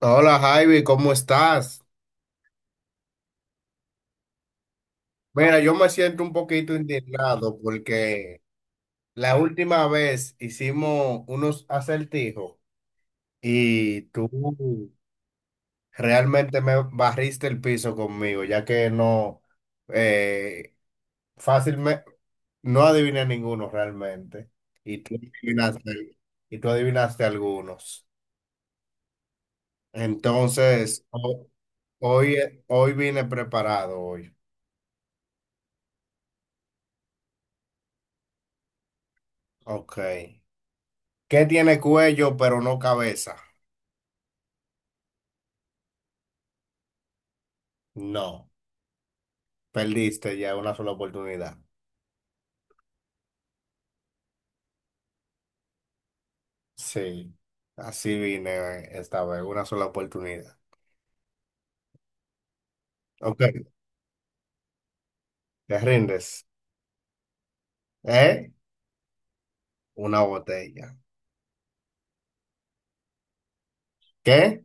Hola Javi, ¿cómo estás? Mira, yo me siento un poquito indignado porque la última vez hicimos unos acertijos y tú realmente me barriste el piso conmigo, ya que no eh, fácilmente no adiviné ninguno realmente y tú adivinaste, y tú adivinaste algunos. Entonces, hoy, hoy vine preparado hoy. Ok. ¿Qué tiene cuello pero no cabeza? No, perdiste ya una sola oportunidad. Sí, así vine esta vez, una sola oportunidad. Ok, te rindes. ¿Eh? Una botella. ¿Qué?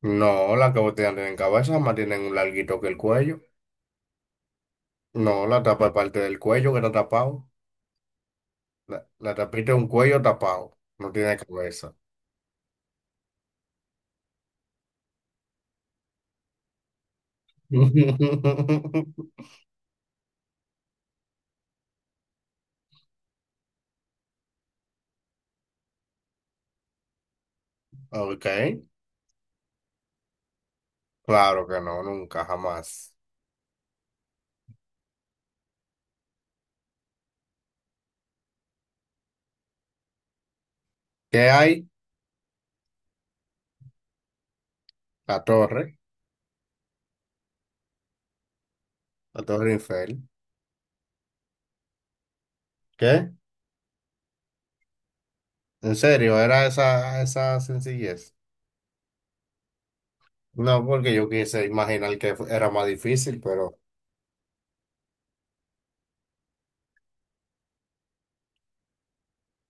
No, las que botellas no tienen cabeza, más tienen un larguito que el cuello. No, la tapa es parte del cuello que está tapado. La tapita es un cuello tapado, no tiene cabeza. Ok, claro que no, nunca, jamás. ¿Qué hay? La torre. La Torre Eiffel. ¿Qué? ¿En serio? ¿Era esa sencillez? No, porque yo quise imaginar que era más difícil, pero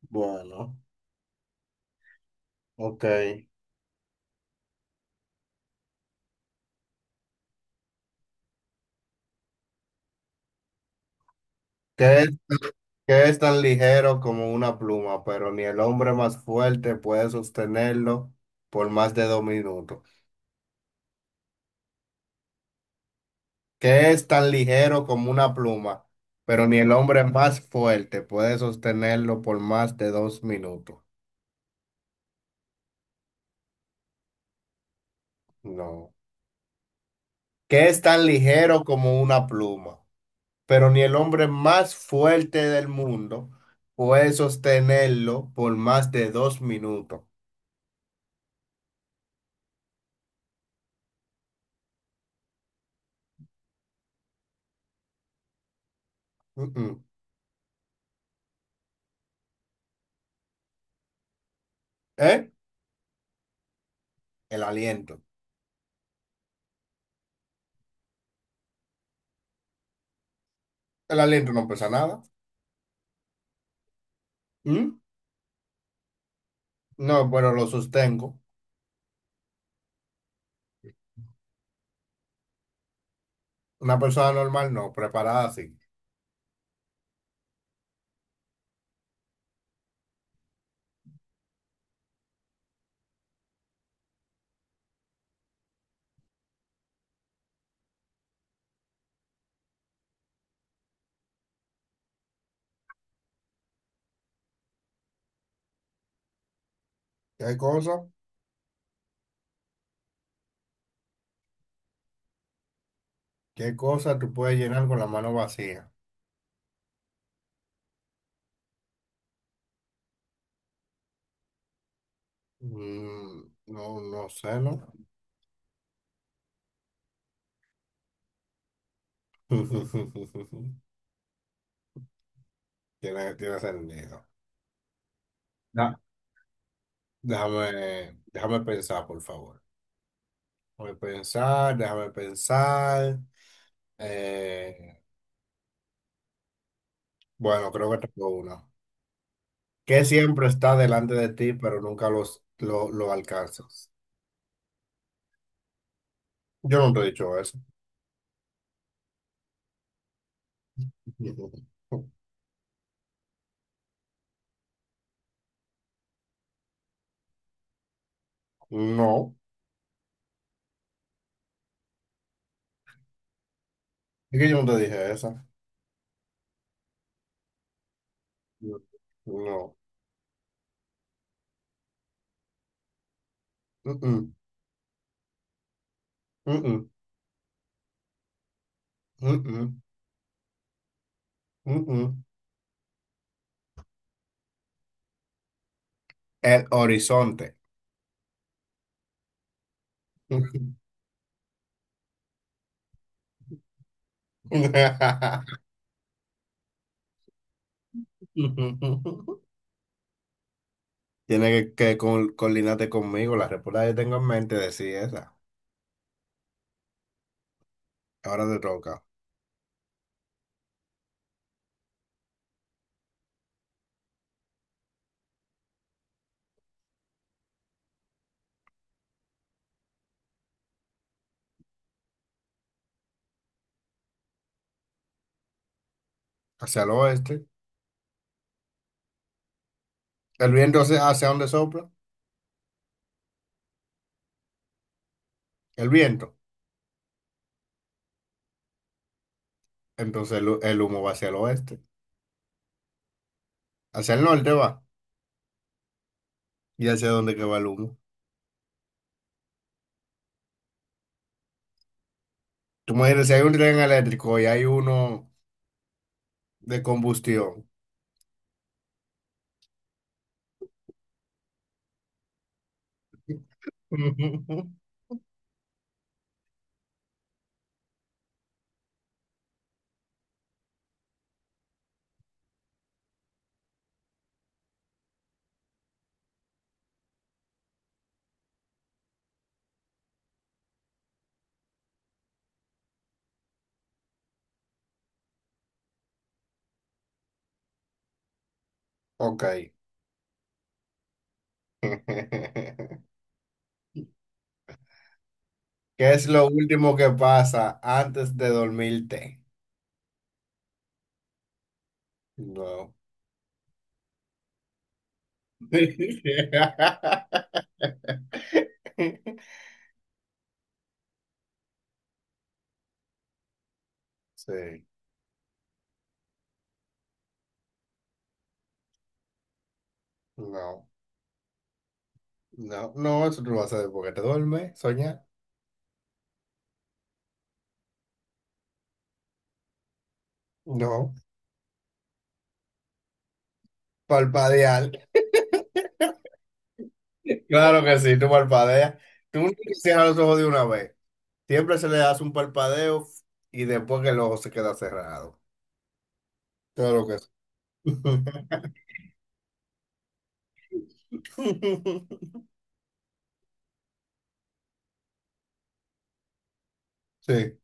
bueno, ok. Es, qué es tan ligero como una pluma, pero ni el hombre más fuerte puede sostenerlo por más de 2 minutos? ¿Qué es tan ligero como una pluma, pero ni el hombre más fuerte puede sostenerlo por más de dos minutos? No. ¿Qué es tan ligero como una pluma? Pero ni el hombre más fuerte del mundo puede sostenerlo por más de dos minutos. Mm-mm. ¿Eh? El aliento. El aliento no pesa nada. ¿Mm? No, pero lo sostengo. Una persona normal no, preparada así. ¿Qué cosa? ¿Qué cosa tú puedes llenar con la mano vacía? Mm, no, no sé, ¿no? Tiene sentido. Da- déjame pensar, por favor. Déjame pensar, déjame pensar. Eh, bueno, creo que tengo una. Que siempre está delante de ti, pero nunca lo alcanzas. Yo no te he dicho eso. No. Es que yo no te dije esa. No. Mm-mm, mm-mm, mm-mm, mm-mm. El horizonte. Tiene que coordinarte conmigo. La respuesta que tengo en mente decía esa. Ahora te toca. Hacia el oeste. El viento hacia donde sopla. El viento. Entonces el humo va hacia el oeste. Hacia el norte va. ¿Y hacia dónde que va el humo? Tú me dices, si hay un tren eléctrico y hay uno de combustión. Ok. ¿Qué es lo último que pasa antes de dormirte? No. Sí. No. No, no, eso tú lo vas a hacer porque te duermes, soñar. No. Palpadear. Claro que sí, tú palpadeas. Tú no cierras los ojos de una vez. Siempre se le hace un parpadeo y después que el ojo se queda cerrado. Claro que sí. Sí.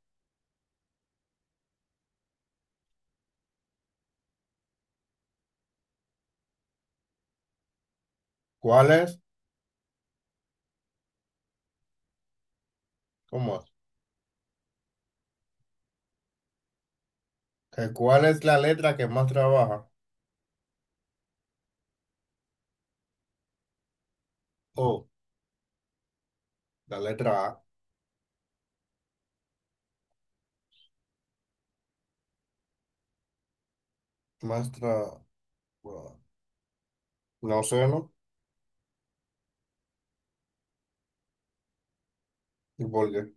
¿Cuál es? ¿Cómo es? ¿Que ¿Cuál es la letra que más trabaja? Oh, la letra A. Más tra- bueno, no sé, ¿no? ¿Y por qué?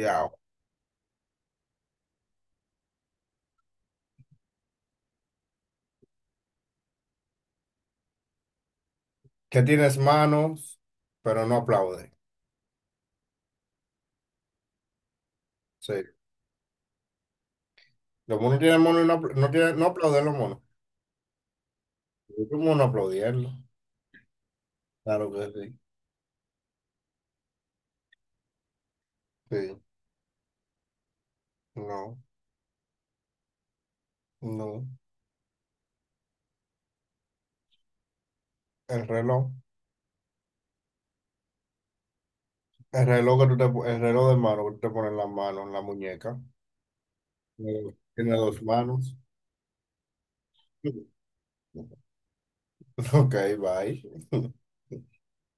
Ya. Que tienes manos, pero no aplaude. Sí. Los monos tienen manos y no no aplauden los monos. ¿Cómo no aplaudirlo? Claro que sí. Sí. No, no. El reloj. El reloj que tú te, po- El reloj de mano que tú te pones en la mano, en la muñeca, tiene dos manos. Ok, bye.